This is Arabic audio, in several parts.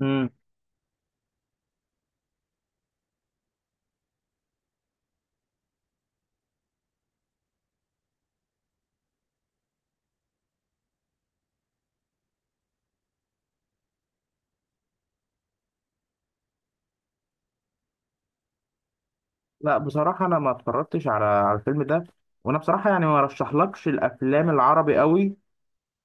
مم. لا بصراحة، أنا ما اتفرجتش على الفيلم ده. وأنا بصراحة يعني، ما رشحلكش الأفلام العربي قوي،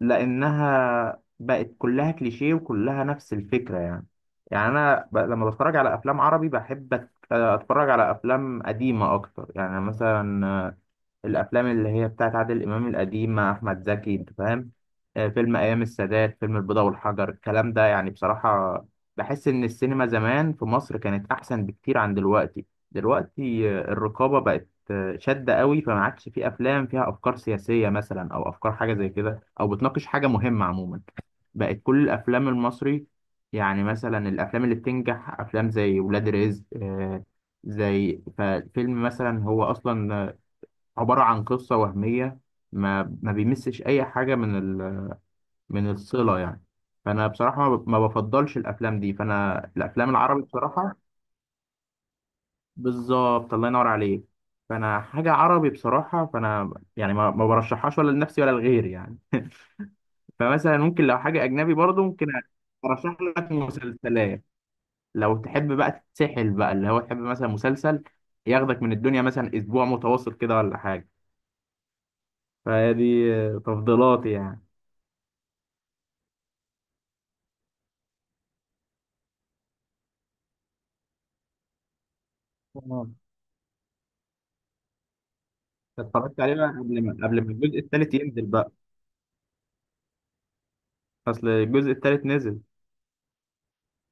لأنها بقت كلها كليشيه وكلها نفس الفكرة. يعني أنا لما بتفرج على أفلام عربي بحب أتفرج على أفلام قديمة أكتر. يعني مثلا الافلام اللي هي بتاعت عادل امام القديم مع احمد زكي، انت فاهم، فيلم ايام السادات، فيلم البيضة والحجر، الكلام ده يعني بصراحة بحس ان السينما زمان في مصر كانت احسن بكتير عن دلوقتي الرقابة بقت شادة قوي، فما عادش في افلام فيها افكار سياسية مثلا او افكار حاجة زي كده او بتناقش حاجة مهمة عموما. بقت كل الافلام المصري يعني مثلا الافلام اللي بتنجح افلام زي ولاد رزق، زي ففيلم مثلا، هو اصلا عبارة عن قصة وهمية، ما بيمسش أي حاجة من الصلة يعني. فأنا بصراحة ما بفضلش الأفلام دي، فأنا الأفلام العربي بصراحة، بالظبط، الله ينور عليك، فأنا حاجة عربي بصراحة، فأنا يعني ما برشحهاش ولا لنفسي ولا لغيري يعني. فمثلا ممكن لو حاجة أجنبي برضو ممكن أرشح لك مسلسلات، لو تحب بقى تتسحل بقى، اللي هو تحب مثلا مسلسل ياخدك من الدنيا مثلا أسبوع متواصل كده ولا حاجة. فدي تفضيلاتي يعني. اتفرجت عليه بقى قبل ما الجزء التالت ينزل بقى. اصل الجزء التالت نزل.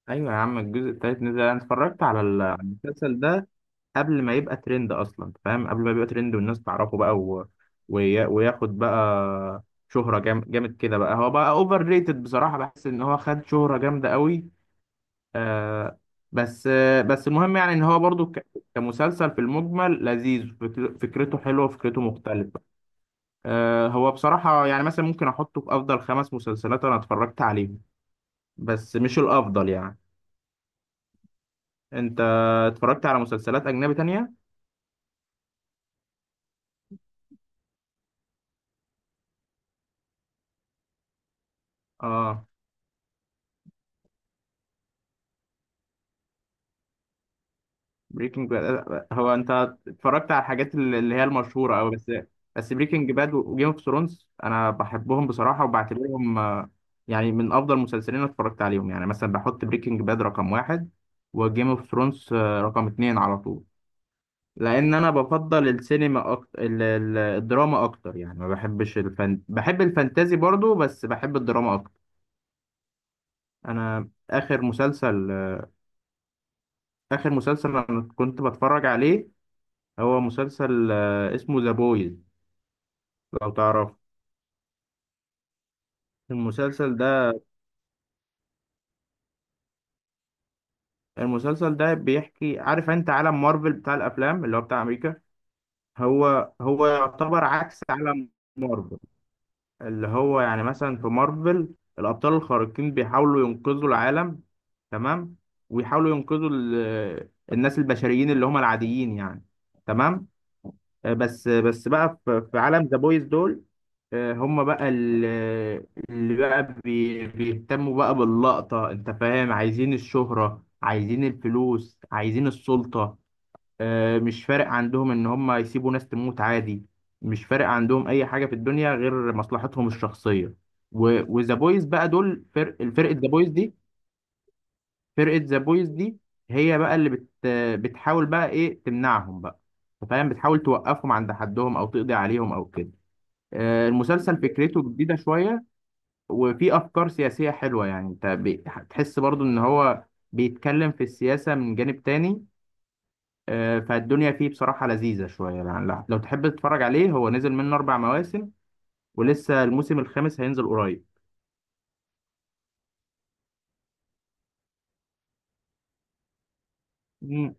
ايوه يا عم، الجزء التالت نزل، انا اتفرجت على المسلسل ده قبل ما يبقى ترند اصلا، فاهم، قبل ما يبقى ترند والناس تعرفه بقى، وياخد بقى شهرة جامد كده بقى. هو بقى اوفر ريتد بصراحة، بحس ان هو خد شهرة جامدة قوي. آه بس المهم، يعني ان هو برضو كمسلسل في المجمل لذيذ، فكرته حلوة، فكرته مختلفة. هو بصراحة يعني مثلا ممكن أحطه في أفضل 5 مسلسلات أنا اتفرجت عليهم، بس مش الأفضل يعني. أنت اتفرجت على مسلسلات أجنبي تانية؟ آه، بريكنج باد. أنت اتفرجت على الحاجات اللي هي المشهورة أوي بس. بس بريكنج باد وجيم اوف ثرونز أنا بحبهم بصراحة، وبعتبرهم يعني من أفضل المسلسلين اللي اتفرجت عليهم. يعني مثلا بحط بريكنج باد رقم 1 وجيم اوف ثرونز رقم 2 على طول، لان انا بفضل السينما اكتر، الدراما اكتر يعني، ما بحبش الفن، بحب الفانتازي برضو، بس بحب الدراما اكتر. انا اخر مسلسل، اخر مسلسل انا كنت بتفرج عليه، هو مسلسل اسمه ذا بويز، لو تعرف المسلسل ده. المسلسل ده بيحكي، عارف انت عالم مارفل بتاع الافلام اللي هو بتاع امريكا؟ هو يعتبر عكس عالم مارفل، اللي هو يعني مثلا في مارفل الأبطال الخارقين بيحاولوا ينقذوا العالم، تمام، ويحاولوا ينقذوا الناس البشريين اللي هم العاديين يعني، تمام. بس بس بقى في عالم ذا بويز دول، هم بقى اللي بقى بيهتموا بقى باللقطة، انت فاهم، عايزين الشهرة، عايزين الفلوس، عايزين السلطة. مش فارق عندهم ان هم يسيبوا ناس تموت عادي، مش فارق عندهم اي حاجه في الدنيا غير مصلحتهم الشخصيه. وذا بويز بقى دول، الفرقه ذا بويز دي فرقه ذا بويز دي هي بقى اللي بتحاول بقى ايه، تمنعهم بقى، أنت فاهم، بتحاول توقفهم عند حدهم او تقضي عليهم او كده. المسلسل فكرته جديده شويه، وفي افكار سياسيه حلوه، يعني انت بتحس برضو ان هو بيتكلم في السياسه من جانب تاني. فالدنيا فيه بصراحة لذيذة شوية يعني. لو تحب تتفرج عليه، هو نزل منه 4 مواسم ولسه الموسم الخامس هينزل قريب. مم.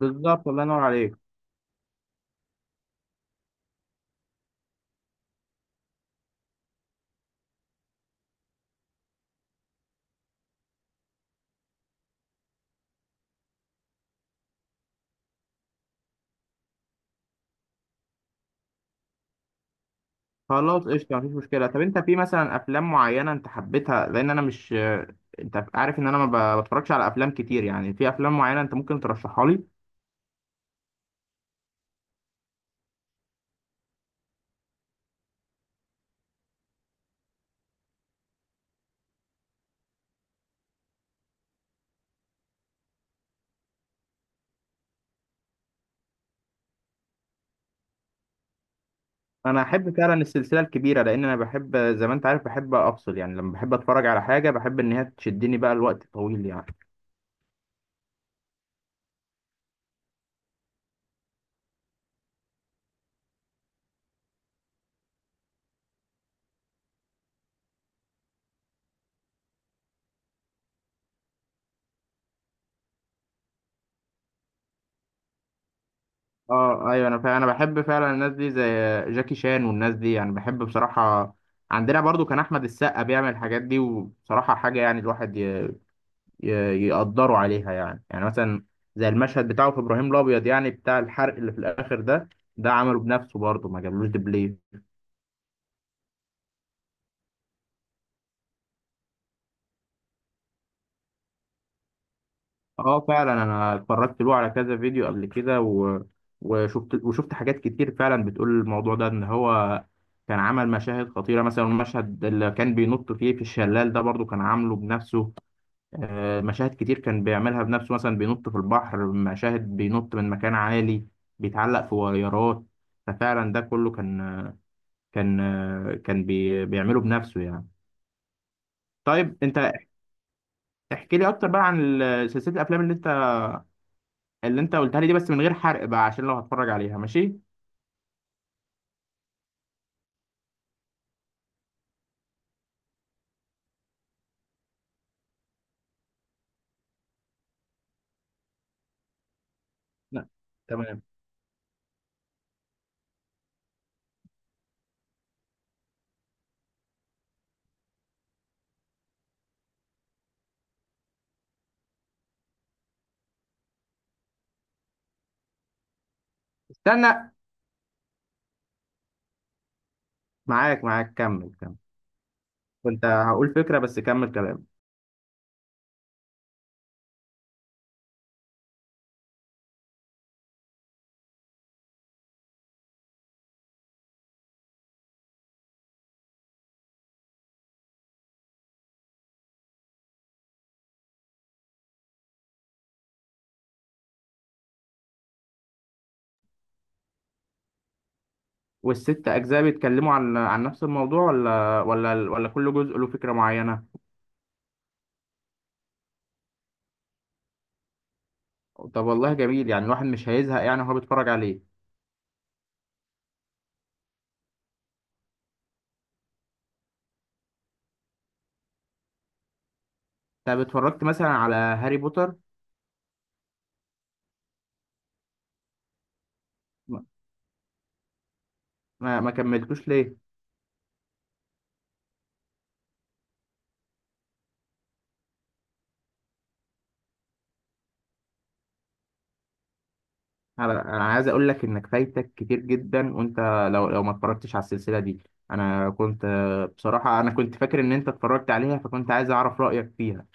بالظبط، الله ينور عليك. خلاص قشطة، مفيش مشكلة. طب أنت في مثلا أفلام معينة أنت حبيتها؟ لأن أنا مش أنت عارف إن أنا ما ب- بتفرجش على أفلام كتير يعني، في أفلام معينة أنت ممكن ترشحها لي. أنا أحب فعلا السلسلة الكبيرة، لأن أنا بحب زي ما أنت عارف بحب أفصل يعني، لما بحب أتفرج على حاجة بحب إن هي تشدني بقى الوقت طويل يعني. اه ايوه، انا انا بحب فعلا الناس دي زي جاكي شان والناس دي يعني، بحب بصراحه. عندنا برضو كان احمد السقا بيعمل الحاجات دي، وبصراحه حاجه يعني، الواحد ي... يقدره عليها يعني. يعني مثلا زي المشهد بتاعه في ابراهيم الابيض يعني، بتاع الحرق اللي في الاخر ده، ده عمله بنفسه برضو، ما جابلوش دبلير. اه فعلا، انا اتفرجت له على كذا فيديو قبل كده، و... وشفت وشفت حاجات كتير فعلا بتقول الموضوع ده، ان هو كان عمل مشاهد خطيره. مثلا المشهد اللي كان بينط فيه في الشلال ده برضو كان عامله بنفسه. مشاهد كتير كان بيعملها بنفسه، مثلا بينط في البحر، مشاهد بينط من مكان عالي، بيتعلق في ويارات. ففعلا ده كله كان كان بيعمله بنفسه يعني. طيب انت احكي لي اكتر بقى عن سلسله الافلام اللي انت، اللي انت قلتها لي دي، بس من غير حرق بقى، عشان لو هتفرج عليها، ماشي. لا، تمام، استنى، معاك كمل كمل، كنت هقول فكرة، بس كمل كلام. والست أجزاء بيتكلموا عن نفس الموضوع، ولا ولا كل جزء له فكرة معينة؟ طب والله جميل، يعني الواحد مش هيزهق يعني وهو بيتفرج عليه. طب اتفرجت مثلا على هاري بوتر؟ ما كملتوش ليه؟ أنا عايز اقول لك انك فايتك كتير جدا، وانت لو ما اتفرجتش على السلسله دي. انا كنت بصراحه انا كنت فاكر ان انت اتفرجت عليها، فكنت عايز اعرف رايك فيها.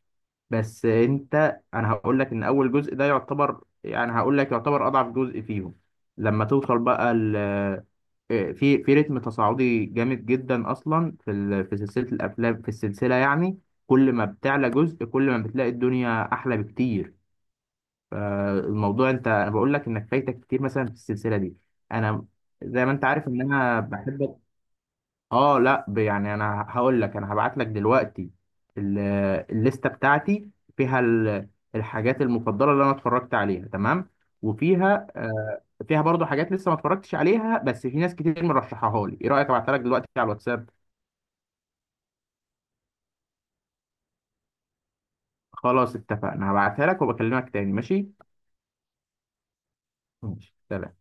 بس انا هقول لك ان اول جزء ده يعتبر يعني، هقول لك يعتبر اضعف جزء فيهم. لما توصل بقى ال آه، في رتم تصاعدي جامد جدا اصلا في في سلسله الافلام، في السلسله يعني، كل ما بتعلى جزء كل ما بتلاقي الدنيا احلى بكتير. فالموضوع انت، انا بقول لك انك فايتك كتير مثلا في السلسله دي. انا زي ما انت عارف ان انا بحب، اه لا، يعني انا هقول لك، انا هبعت لك دلوقتي ال- الليسته بتاعتي، فيها الحاجات المفضله اللي انا اتفرجت عليها، تمام. وفيها فيها برضو حاجات لسه ما اتفرجتش عليها، بس في ناس كتير مرشحها لي. ايه رايك ابعتها لك دلوقتي على الواتساب؟ خلاص اتفقنا، هبعتها لك وبكلمك تاني، ماشي. ماشي، سلام.